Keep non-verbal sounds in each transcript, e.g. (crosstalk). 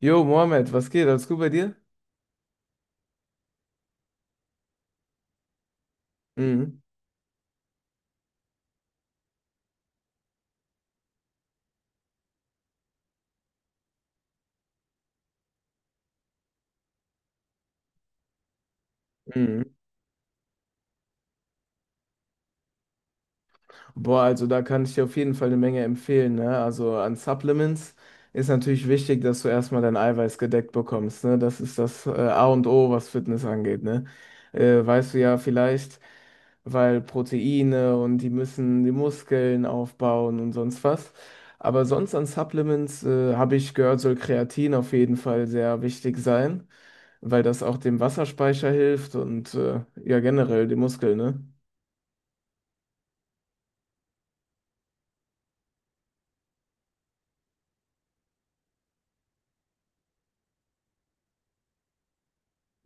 Jo, Mohammed, was geht? Alles gut bei dir? Mhm. Mhm. Boah, also da kann ich dir auf jeden Fall eine Menge empfehlen, ne? Also an Supplements ist natürlich wichtig, dass du erstmal dein Eiweiß gedeckt bekommst, ne? Das ist das A und O, was Fitness angeht, ne? Weißt du ja vielleicht, weil Proteine und die müssen die Muskeln aufbauen und sonst was. Aber sonst an Supplements habe ich gehört, soll Kreatin auf jeden Fall sehr wichtig sein. Weil das auch dem Wasserspeicher hilft und ja generell die Muskeln, ne?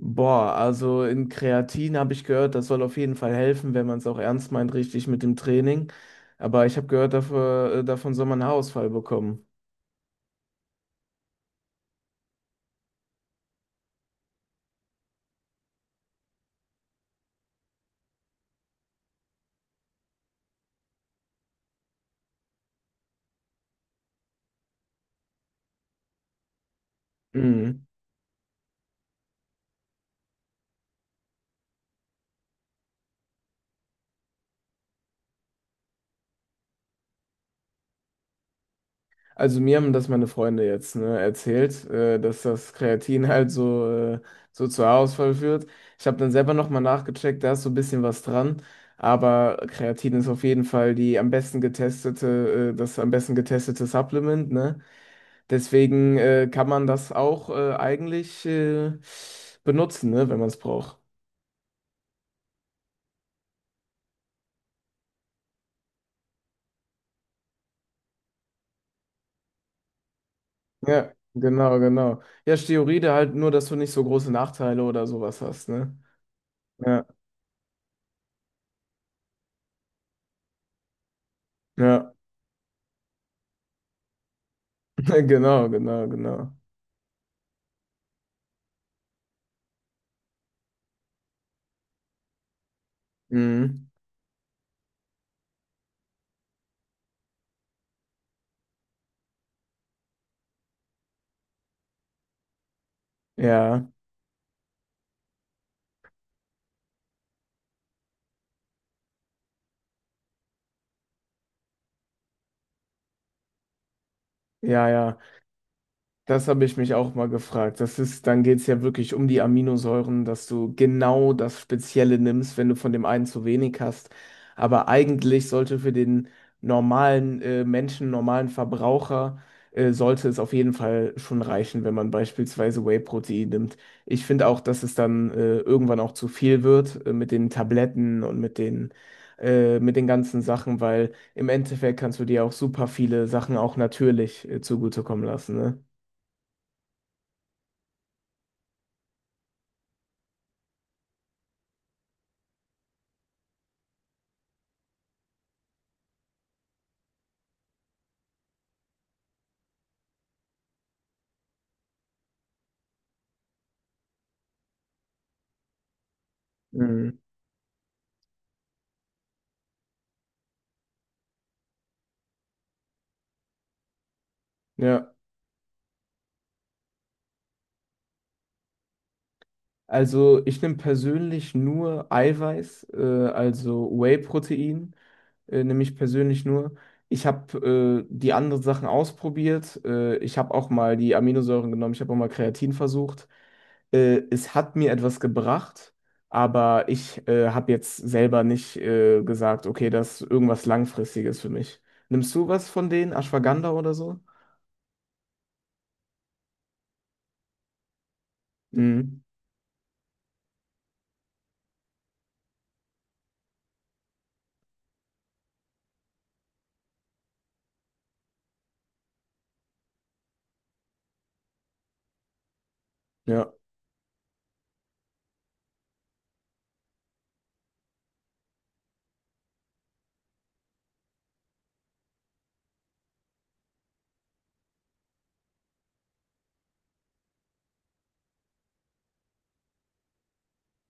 Boah, also in Kreatin habe ich gehört, das soll auf jeden Fall helfen, wenn man es auch ernst meint, richtig mit dem Training. Aber ich habe gehört, dafür, davon soll man einen Haarausfall bekommen. Mhm. Also mir haben das meine Freunde jetzt, ne, erzählt, dass das Kreatin (laughs) halt so, so zu Haarausfall führt. Ich habe dann selber nochmal nachgecheckt, da ist so ein bisschen was dran. Aber Kreatin ist auf jeden Fall die am besten getestete, das am besten getestete Supplement, ne? Deswegen kann man das auch eigentlich benutzen, ne, wenn man es braucht. Ja, genau, genau. Ja, Steroide halt nur, dass du nicht so große Nachteile oder sowas hast, ne? Ja, ja, (laughs) genau, genau, genau. Mhm. Ja, ja, ja. Das habe ich mich auch mal gefragt. Das ist, dann geht es ja wirklich um die Aminosäuren, dass du genau das Spezielle nimmst, wenn du von dem einen zu wenig hast. Aber eigentlich sollte für den normalen Menschen, normalen Verbraucher, sollte es auf jeden Fall schon reichen, wenn man beispielsweise Whey-Protein nimmt. Ich finde auch, dass es dann irgendwann auch zu viel wird mit den Tabletten und mit mit den ganzen Sachen, weil im Endeffekt kannst du dir auch super viele Sachen auch natürlich zugutekommen lassen, ne? Mhm. Ja, also ich nehme persönlich nur Eiweiß, also Whey-Protein, nehme ich persönlich nur. Ich habe die anderen Sachen ausprobiert. Ich habe auch mal die Aminosäuren genommen, ich habe auch mal Kreatin versucht. Es hat mir etwas gebracht, aber ich habe jetzt selber nicht gesagt, okay, das ist irgendwas Langfristiges für mich. Nimmst du was von denen? Ashwagandha oder so? Mhm.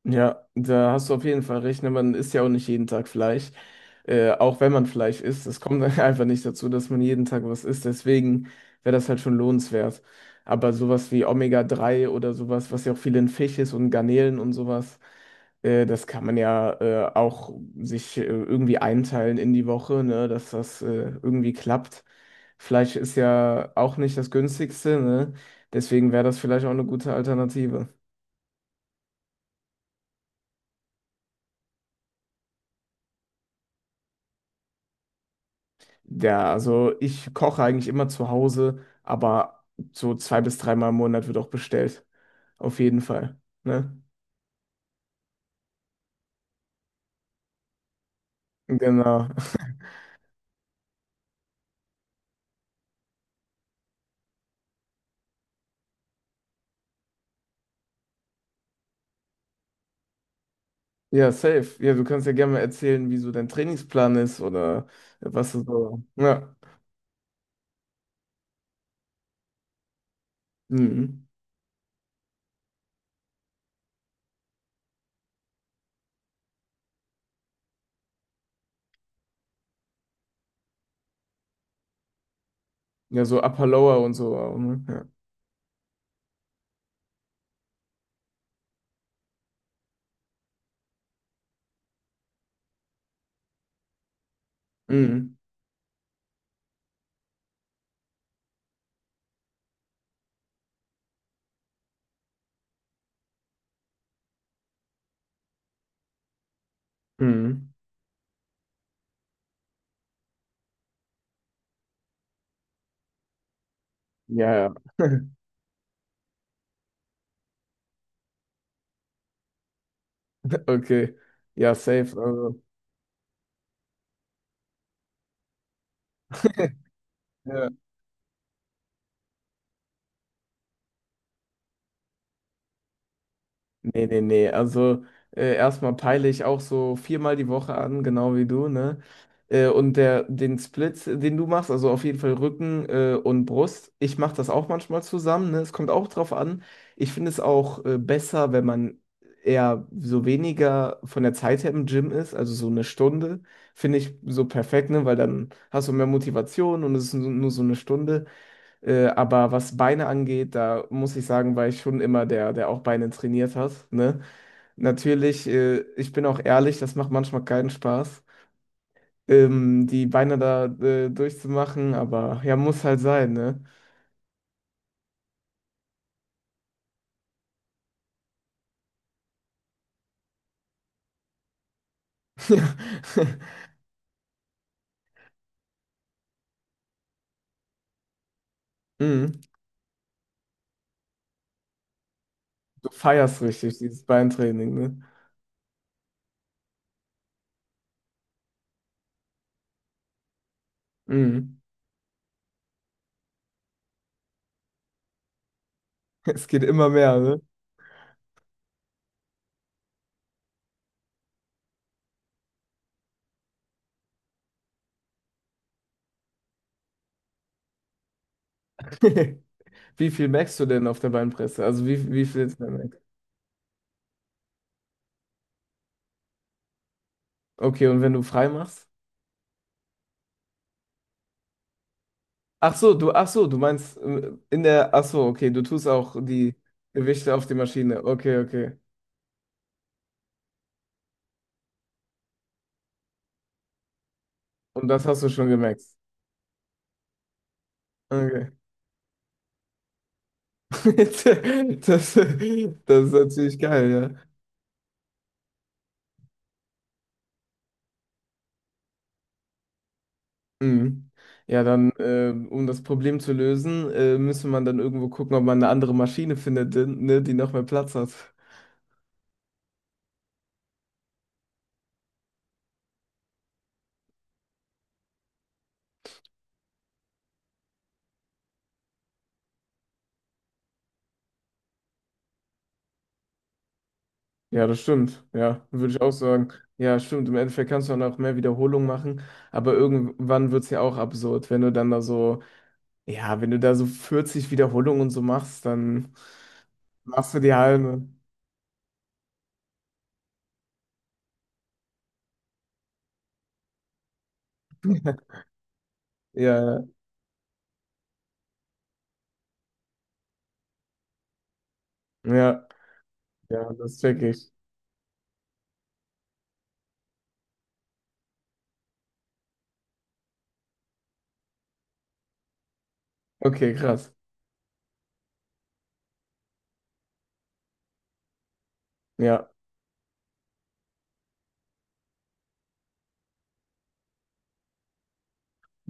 Ja, da hast du auf jeden Fall recht. Ne? Man isst ja auch nicht jeden Tag Fleisch. Auch wenn man Fleisch isst, es kommt (laughs) einfach nicht dazu, dass man jeden Tag was isst. Deswegen wäre das halt schon lohnenswert. Aber sowas wie Omega-3 oder sowas, was ja auch viel in Fisch ist und Garnelen und sowas, das kann man ja auch sich irgendwie einteilen in die Woche, ne, dass das irgendwie klappt. Fleisch ist ja auch nicht das günstigste, ne? Deswegen wäre das vielleicht auch eine gute Alternative. Ja, also ich koche eigentlich immer zu Hause, aber so zwei bis dreimal im Monat wird auch bestellt. Auf jeden Fall. Ne? Genau. (laughs) Ja, safe. Ja, du kannst ja gerne mal erzählen, wie so dein Trainingsplan ist oder was du so. Ja. Mhm. Ja, so Upper Lower und so auch, ne? Ja. Mhm. Mhm. Ja, ja. (laughs) Okay. Ja, safe. Also, ja. Nee, nee, nee. Also erstmal peile ich auch so viermal die Woche an, genau wie du, ne? Und der, den Split, den du machst, also auf jeden Fall Rücken und Brust, ich mache das auch manchmal zusammen, ne? Es kommt auch drauf an. Ich finde es auch besser, wenn man eher so weniger von der Zeit her im Gym ist, also so eine Stunde, finde ich so perfekt, ne? Weil dann hast du mehr Motivation und es ist nur so eine Stunde. Aber was Beine angeht, da muss ich sagen, war ich schon immer der, der auch Beine trainiert hat. Ne? Natürlich, ich bin auch ehrlich, das macht manchmal keinen Spaß, die Beine da durchzumachen, aber ja, muss halt sein, ne? (laughs) Mhm. Du feierst richtig dieses Beintraining, ne? Mhm. Es geht immer mehr, ne? (laughs) Wie viel merkst du denn auf der Beinpresse? Also wie viel ist der Max? Okay, und wenn du frei machst? Ach so, du meinst in der, ach so, okay, du tust auch die Gewichte auf die Maschine. Okay, okay. Und das hast du schon gemerkt. Okay. (laughs) Das ist natürlich geil, ja. Mhm. Ja, dann, um das Problem zu lösen, müsste man dann irgendwo gucken, ob man eine andere Maschine findet, ne, die noch mehr Platz hat. Ja, das stimmt. Ja, würde ich auch sagen. Ja, stimmt. Im Endeffekt kannst du dann auch mehr Wiederholungen machen, aber irgendwann wird es ja auch absurd, wenn du dann da so. Ja, wenn du da so 40 Wiederholungen und so machst, dann machst du die halbe. Ja, ja, ja, das check ich. Okay, krass. Ja.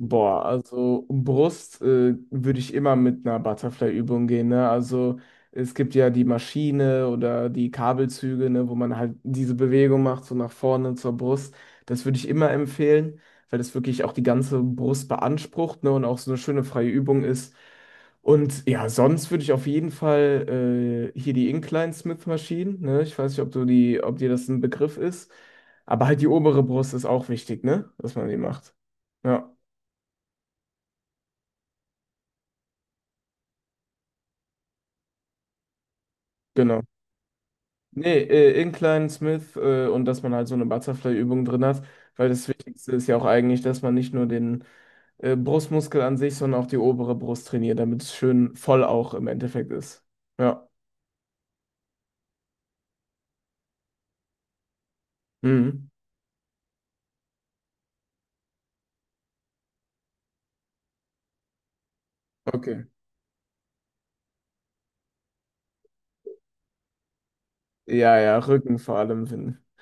Boah, also Brust würde ich immer mit einer Butterfly-Übung gehen, ne? Also es gibt ja die Maschine oder die Kabelzüge, ne, wo man halt diese Bewegung macht, so nach vorne zur Brust. Das würde ich immer empfehlen, weil das wirklich auch die ganze Brust beansprucht, ne, und auch so eine schöne freie Übung ist. Und ja, sonst würde ich auf jeden Fall hier die Incline-Smith-Maschinen, ne? Ich weiß nicht, ob du die, ob dir das ein Begriff ist, aber halt die obere Brust ist auch wichtig, ne? Dass man die macht. Ja. Genau. Nee, Incline, Smith und dass man halt so eine Butterfly-Übung drin hat, weil das Wichtigste ist ja auch eigentlich, dass man nicht nur den Brustmuskel an sich, sondern auch die obere Brust trainiert, damit es schön voll auch im Endeffekt ist. Ja. Mhm. Okay. Ja, ja, Rücken vor allem finde ich.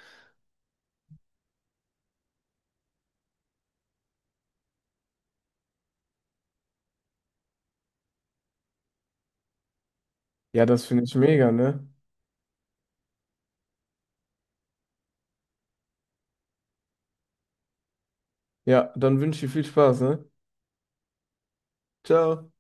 Ja, das finde ich mega, ne? Ja, dann wünsche ich viel Spaß, ne? Ciao.